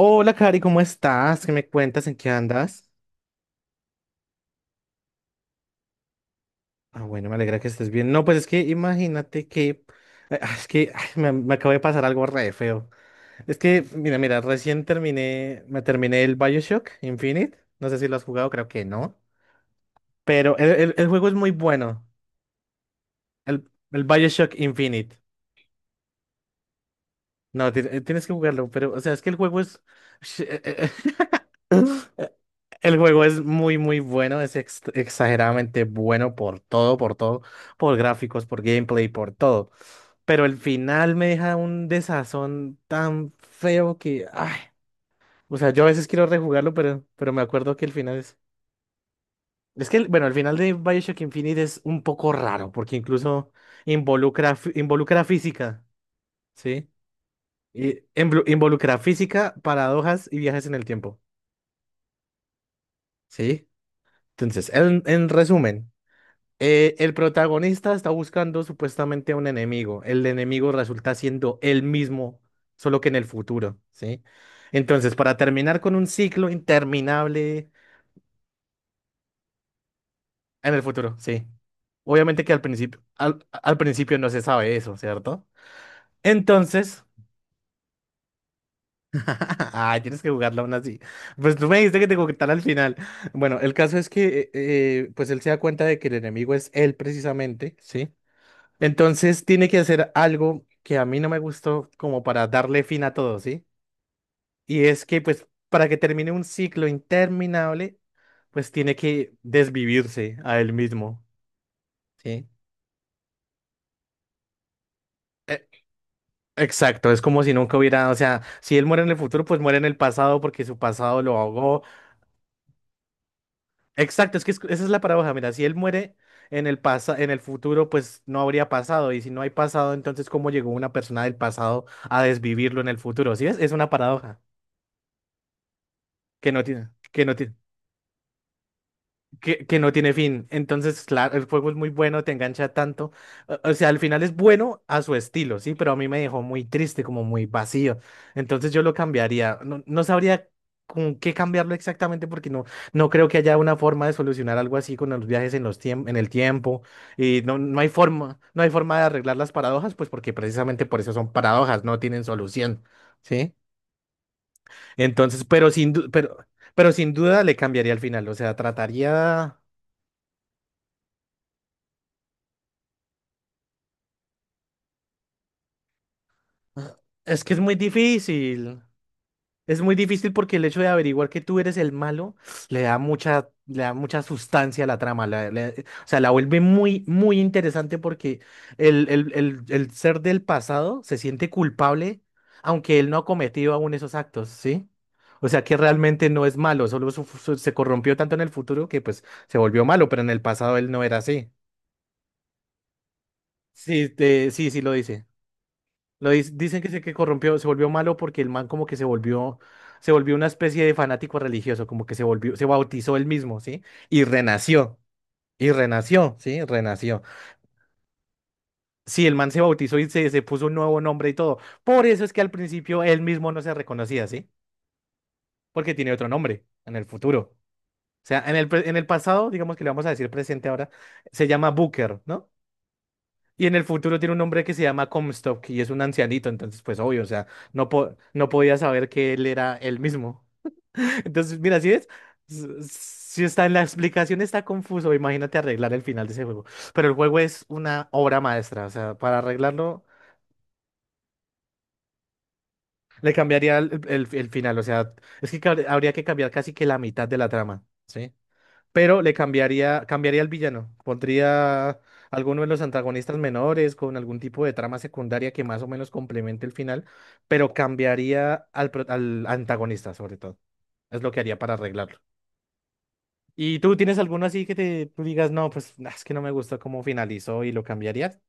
Hola, Cari, ¿cómo estás? ¿Qué me cuentas? ¿En qué andas? Ah, bueno, me alegra que estés bien. No, pues es que imagínate que es que, ay, me acabo de pasar algo re feo. Es que, mira, mira, recién terminé, me terminé el BioShock Infinite. No sé si lo has jugado, creo que no. Pero el juego es muy bueno. El BioShock Infinite. No, tienes que jugarlo, pero, o sea, es que el juego es... El juego es muy, muy bueno, es exageradamente bueno por todo, por todo, por gráficos, por gameplay, por todo. Pero el final me deja un desazón tan feo que, ay, o sea, yo a veces quiero rejugarlo, pero me acuerdo que el final es... Es que, bueno, el final de BioShock Infinite es un poco raro, porque incluso involucra, involucra física, ¿sí? Y involucra física, paradojas y viajes en el tiempo, ¿sí? Entonces, en resumen. El protagonista está buscando supuestamente a un enemigo. El enemigo resulta siendo él mismo, solo que en el futuro, ¿sí? Entonces, para terminar con un ciclo interminable en el futuro, sí. Obviamente que al principio, al principio no se sabe eso, ¿cierto? Entonces, ay, tienes que jugarla aún así. Pues tú me dijiste que te contar al final. Bueno, el caso es que, pues él se da cuenta de que el enemigo es él precisamente, ¿sí? Entonces tiene que hacer algo que a mí no me gustó como para darle fin a todo, ¿sí? Y es que pues para que termine un ciclo interminable, pues tiene que desvivirse a él mismo, ¿sí? E- Exacto, es como si nunca hubiera, o sea, si él muere en el futuro, pues muere en el pasado porque su pasado lo ahogó. Exacto, es que esa es la paradoja, mira, si él muere en el futuro, pues no habría pasado, y si no hay pasado, entonces ¿cómo llegó una persona del pasado a desvivirlo en el futuro? ¿Sí ves? Es una paradoja. que no tiene, que no tiene, que no tiene fin. Entonces, claro, el juego es muy bueno, te engancha tanto. O sea, al final es bueno a su estilo, sí, pero a mí me dejó muy triste, como muy vacío. Entonces yo lo cambiaría. No sabría con qué cambiarlo exactamente porque no creo que haya una forma de solucionar algo así con los viajes en en el tiempo. Y no hay forma, no hay forma de arreglar las paradojas, pues porque precisamente por eso son paradojas, no tienen solución. ¿Sí? Entonces, pero sin duda le cambiaría al final. O sea, trataría. Es que es muy difícil. Es muy difícil porque el hecho de averiguar que tú eres el malo le da mucha sustancia a la trama. O sea, la vuelve muy, muy interesante porque el ser del pasado se siente culpable, aunque él no ha cometido aún esos actos, ¿sí? O sea, que realmente no es malo, solo se corrompió tanto en el futuro que pues se volvió malo, pero en el pasado él no era así. Sí, sí, sí lo dice. Dicen que se que corrompió, se volvió malo porque el man como que se volvió una especie de fanático religioso, como que se volvió, se bautizó él mismo, ¿sí? Y renació, y renació, ¿sí? Renació. Sí, el man se bautizó y se puso un nuevo nombre y todo. Por eso es que al principio él mismo no se reconocía, ¿sí? Porque tiene otro nombre en el futuro. O sea, en en el pasado, digamos que le vamos a decir presente ahora, se llama Booker, ¿no? Y en el futuro tiene un hombre que se llama Comstock y es un ancianito, entonces pues obvio, o sea, no, no podía saber que él era él mismo. Entonces, mira, si está en la explicación está confuso, imagínate arreglar el final de ese juego. Pero el juego es una obra maestra, o sea, para arreglarlo le cambiaría el final, o sea, es que habría que cambiar casi que la mitad de la trama, ¿sí? Pero cambiaría al villano. Pondría alguno de los antagonistas menores con algún tipo de trama secundaria que más o menos complemente el final, pero cambiaría al antagonista sobre todo. Es lo que haría para arreglarlo. ¿Y tú tienes alguno así que te tú digas, no, pues nah, es que no me gustó cómo finalizó y lo cambiarías?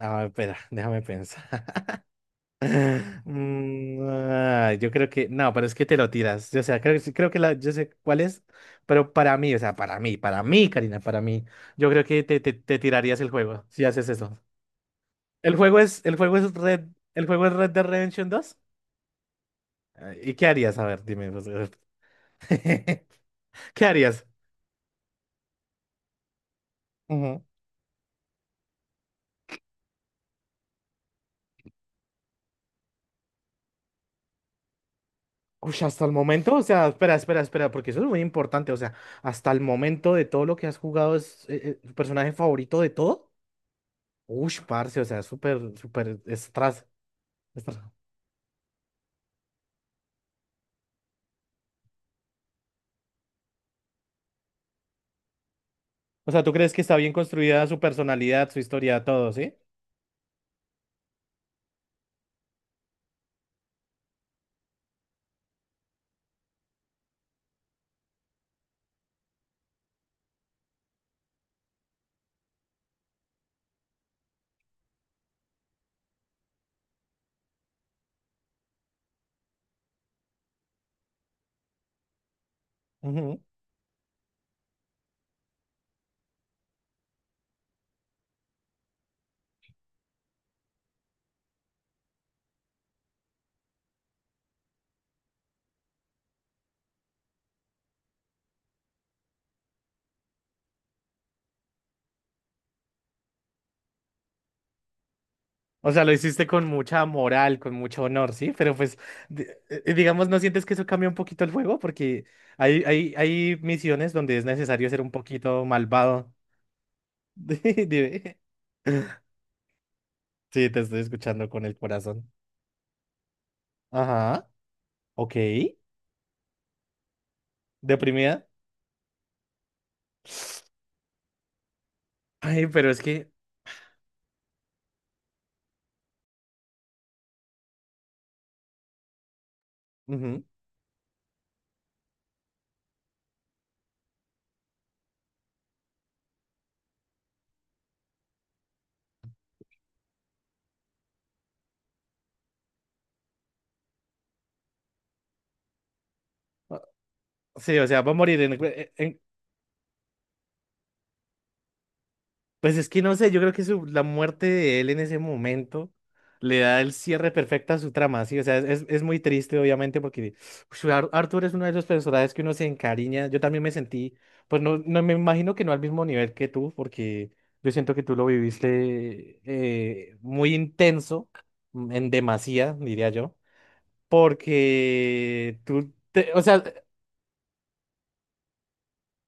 Ah, espera, déjame pensar. Yo creo que no, pero es que te lo tiras. Yo, o sea, creo que yo sé cuál es, pero para mí, o sea, para mí, Karina, para mí, yo creo que te tirarías el juego si haces eso. El juego es, el juego es Red, el juego es Red Dead Redemption dos. Ah, ¿y qué harías? A ver, dime, pues. ¿Qué harías? Ujú. Uy, hasta el momento, o sea, espera, espera, espera, porque eso es muy importante. O sea, hasta el momento de todo lo que has jugado es tu personaje favorito de todo. Ush parce, o sea, súper, súper estra- O sea, ¿tú crees que está bien construida su personalidad, su historia, todo, sí? Ujú. O sea, lo hiciste con mucha moral, con mucho honor, ¿sí? Pero pues, digamos, ¿no sientes que eso cambia un poquito el juego? Porque hay misiones donde es necesario ser un poquito malvado. Dime. Sí, te estoy escuchando con el corazón. Ajá. Ok. ¿Deprimida? Ay, pero es que... Ujú. Ah, sí, o sea, va a morir en Pues es que no sé, yo creo que la muerte de él en ese momento le da el cierre perfecto a su trama, sí, o sea, es muy triste obviamente porque ush, Arthur es uno de los personajes que uno se encariña, yo también me sentí, pues no, no me imagino que no al mismo nivel que tú, porque yo siento que tú lo viviste muy intenso, en demasía, diría yo, porque o sea,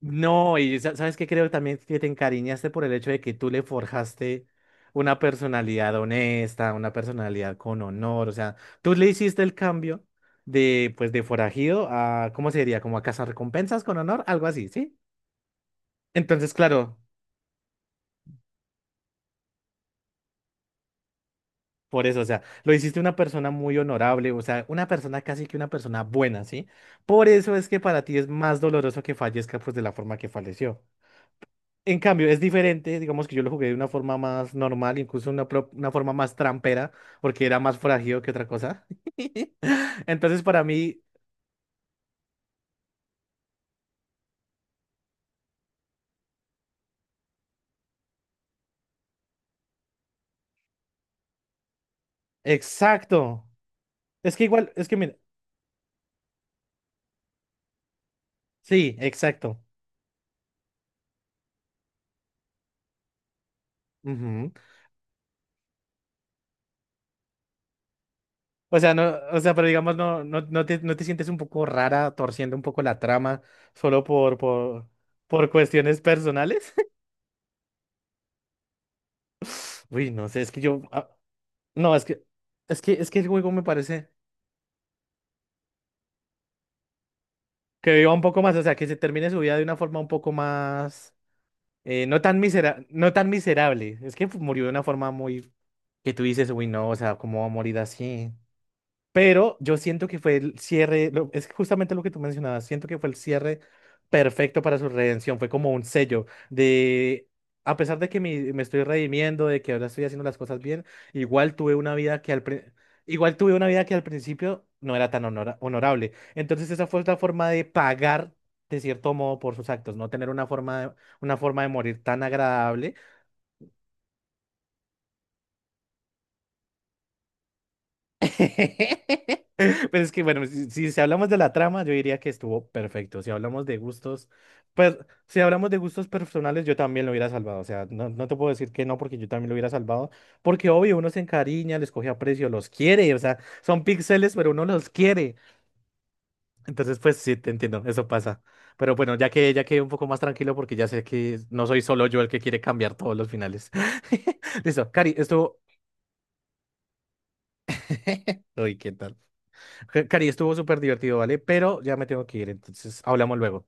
no, y sabes que creo también que te encariñaste por el hecho de que tú le forjaste una personalidad honesta, una personalidad con honor, o sea, tú le hiciste el cambio de, pues, de forajido a, ¿cómo se diría? Como a recompensas con honor, algo así, ¿sí? Entonces, claro, por eso, o sea, lo hiciste una persona muy honorable, o sea, una persona casi que una persona buena, ¿sí? Por eso es que para ti es más doloroso que fallezca, pues, de la forma que falleció. En cambio, es diferente, digamos que yo lo jugué de una forma más normal, incluso una forma más trampera, porque era más forajido que otra cosa. Entonces, para mí, exacto. Es que igual, es que mira, sí, exacto. Ujú. O sea, no, o sea, pero digamos, no te sientes un poco rara torciendo un poco la trama solo por, por cuestiones personales. Uy, no sé, es que yo, no, es que, el juego me parece que viva un poco más, o sea, que se termine su vida de una forma un poco más. No tan no tan miserable. Es que pues, murió de una forma muy que tú dices, uy, no, o sea, ¿cómo va a morir así? Pero yo siento que fue el cierre, es justamente lo que tú mencionabas, siento que fue el cierre perfecto para su redención, fue como un sello de, a pesar de que me estoy redimiendo, de que ahora estoy haciendo las cosas bien, igual tuve una vida que al, pri- igual tuve una vida que al principio no era tan honorable. Entonces esa fue otra forma de pagar, de cierto modo, por sus actos, no tener una forma de, morir tan agradable. Pero es que, bueno, si hablamos de la trama, yo diría que estuvo perfecto. Si hablamos de gustos, pues, si hablamos de gustos personales, yo también lo hubiera salvado. O sea, no te puedo decir que no, porque yo también lo hubiera salvado. Porque, obvio, uno se encariña, les coge aprecio, los quiere. O sea, son píxeles, pero uno los quiere. Entonces, pues, sí, te entiendo, eso pasa. Pero bueno, ya que ya quedé un poco más tranquilo, porque ya sé que no soy solo yo el que quiere cambiar todos los finales. Listo, Cari, estuvo. Uy, qué tal. Cari, estuvo súper divertido, ¿vale? Pero ya me tengo que ir, entonces hablamos luego.